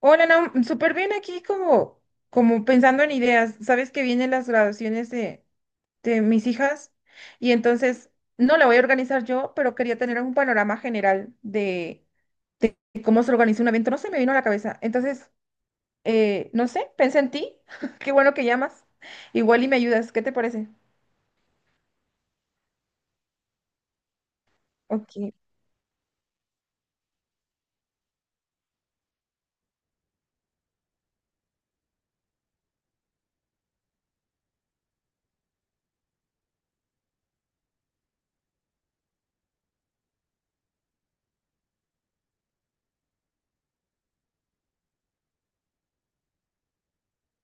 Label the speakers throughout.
Speaker 1: Hola, no, súper bien aquí como pensando en ideas. Sabes que vienen las graduaciones de mis hijas y entonces no la voy a organizar yo, pero quería tener un panorama general de cómo se organiza un evento. No se me vino a la cabeza. Entonces, no sé, pensé en ti. Qué bueno que llamas. Igual y me ayudas. ¿Qué te parece? Ok.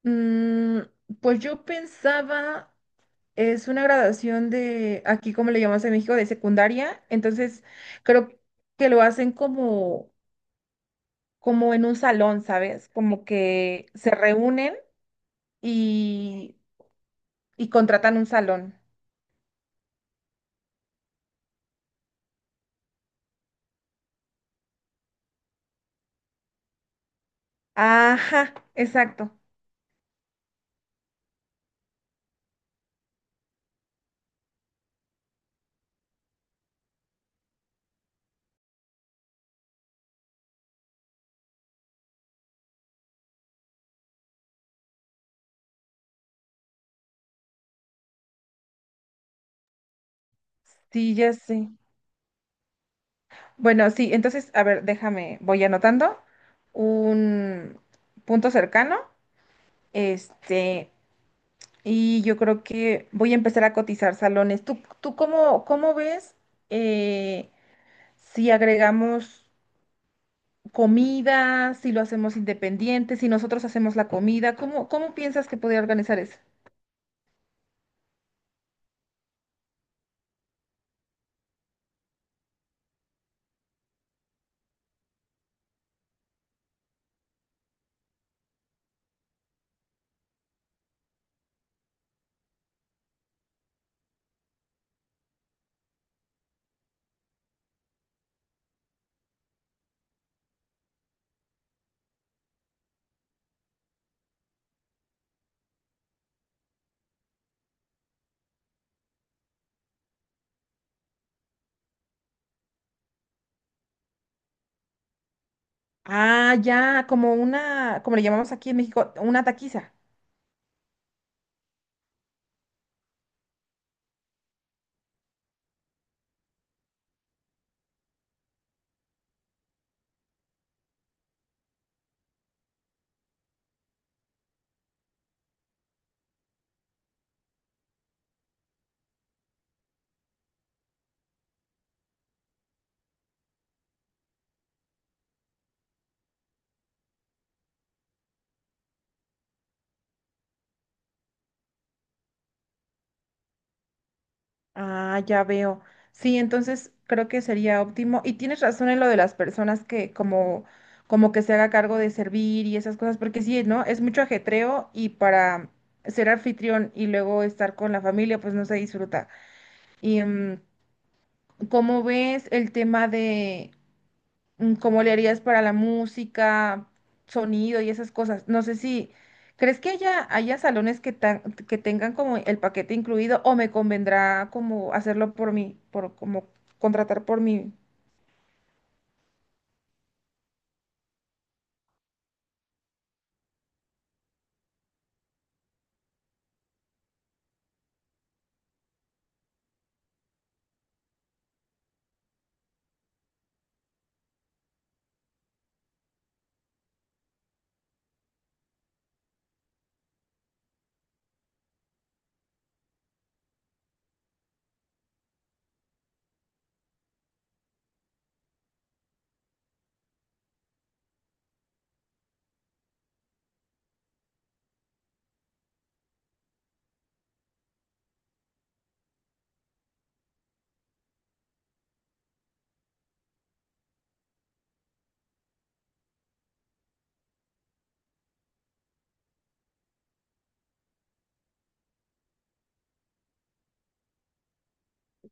Speaker 1: Mm, pues yo pensaba... Es una graduación de, aquí como le llamamos en México, de secundaria. Entonces, creo que lo hacen como en un salón, ¿sabes? Como que se reúnen y, y contratan un salón. Ajá, exacto. Sí, ya sé. Bueno, sí, entonces, a ver, déjame, voy anotando un punto cercano. Este, y yo creo que voy a empezar a cotizar salones. ¿Tú cómo ves? eh, si agregamos comida, si lo hacemos independiente, si nosotros hacemos la comida, ¿cómo piensas que podría organizar eso? Ah, ya, como una, como le llamamos aquí en México, una taquiza. Ah, ya veo. Sí, entonces creo que sería óptimo. Y tienes razón en lo de las personas que como que se haga cargo de servir y esas cosas, porque sí, ¿no? Es mucho ajetreo y para ser anfitrión y luego estar con la familia, pues no se disfruta. Y ¿cómo ves el tema de cómo le harías para la música, sonido y esas cosas? No sé si, ¿crees que haya salones que tengan como el paquete incluido o me convendrá como hacerlo por mí, por como contratar por mí?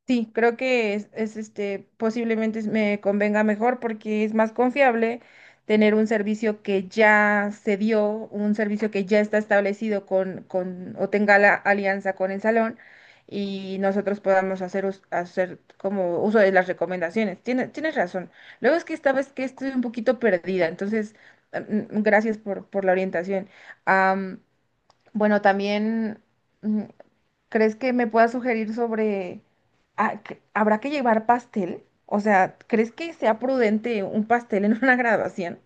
Speaker 1: Sí, creo que este, posiblemente me convenga mejor porque es más confiable tener un servicio que ya se dio, un servicio que ya está establecido con o tenga la alianza con el salón y nosotros podamos hacer, hacer como uso de las recomendaciones. Tienes razón. Luego es que esta vez que estoy un poquito perdida, entonces gracias por la orientación. Am, bueno, también... mm, ¿Crees que me puedas sugerir sobre, habrá que llevar pastel? O sea, ¿crees que sea prudente un pastel en una graduación?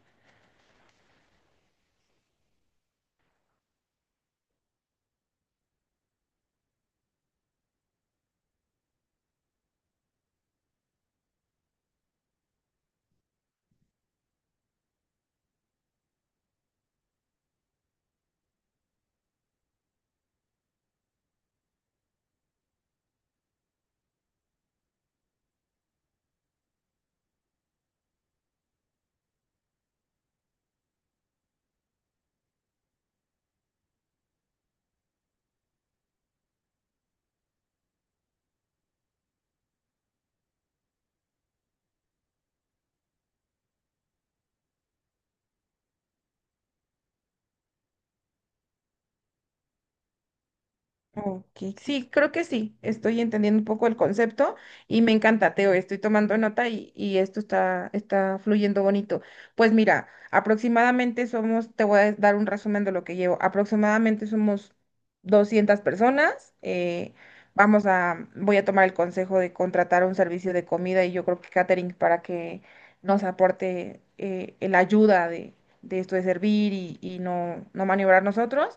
Speaker 1: Ok, sí, creo que sí, estoy entendiendo un poco el concepto y me encanta, Teo. Estoy tomando nota y esto está, está fluyendo bonito. Pues mira, aproximadamente somos, te voy a dar un resumen de lo que llevo, aproximadamente somos 200 personas, vamos a, voy a tomar el consejo de contratar un servicio de comida y yo creo que catering para que nos aporte la ayuda de esto de servir y no, no maniobrar nosotros.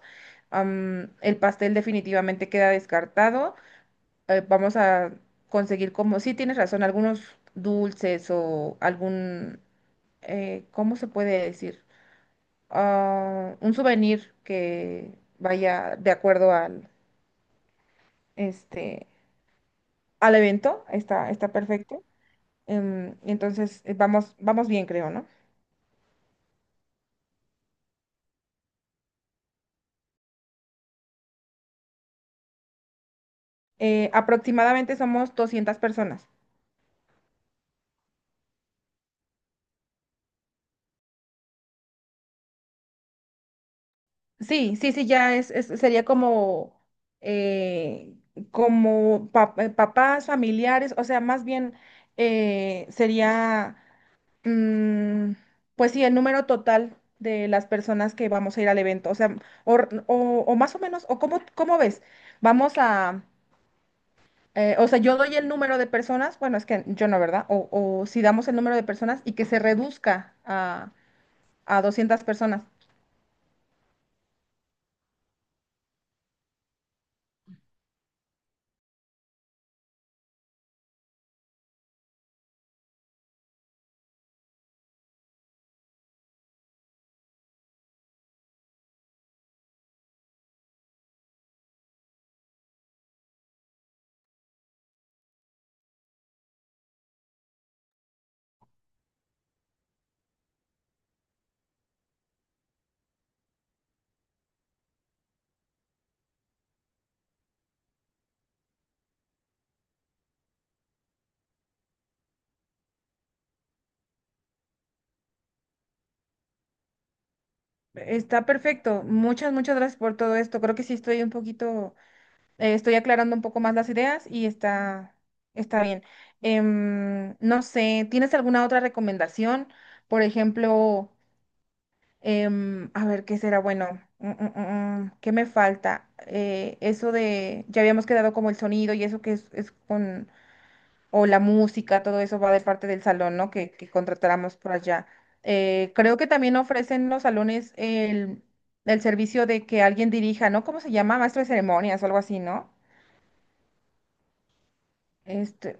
Speaker 1: El pastel definitivamente queda descartado. Vamos a conseguir como, sí tienes razón, algunos dulces o algún, ¿cómo se puede decir? Ah, un souvenir que vaya de acuerdo al, este, al evento. Está, está perfecto. Entonces, vamos, vamos bien, creo, ¿no? Aproximadamente somos 200 personas. Sí, sí, sí, ya es, sería como, eh, como papás, familiares, o sea, más bien sería, mm, pues sí, el número total de las personas que vamos a ir al evento, o sea, o, o más o menos, o cómo, cómo ves, vamos a, o sea, yo doy el número de personas, bueno, es que yo no, ¿verdad? O si damos el número de personas y que se reduzca a 200 personas. Está perfecto. Muchas, muchas gracias por todo esto. Creo que sí estoy un poquito, estoy aclarando un poco más las ideas y está, está bien. No sé, ¿tienes alguna otra recomendación? Por ejemplo, a ver, ¿qué será bueno? ¿Qué me falta? Eso de, ya habíamos quedado como el sonido y eso que es con o la música. Todo eso va de parte del salón, ¿no? Que contratáramos por allá. Creo que también ofrecen los salones el servicio de que alguien dirija, ¿no? ¿Cómo se llama? Maestro de ceremonias o algo así, ¿no? Este,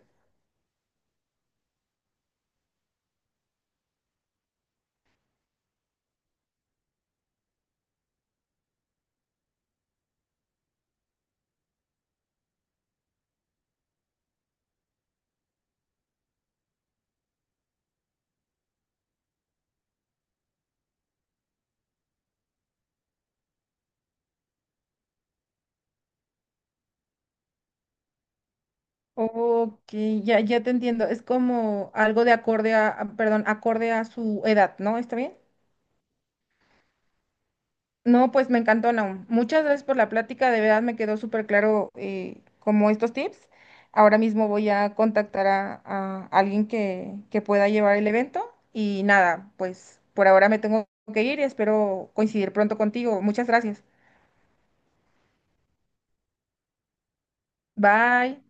Speaker 1: ok, ya, ya te entiendo. Es como algo de acorde perdón, acorde a su edad, ¿no? ¿Está bien? No, pues me encantó, Naum. Muchas gracias por la plática. De verdad me quedó súper claro como estos tips. Ahora mismo voy a contactar a alguien que pueda llevar el evento. Y nada, pues por ahora me tengo que ir y espero coincidir pronto contigo. Muchas gracias. Bye.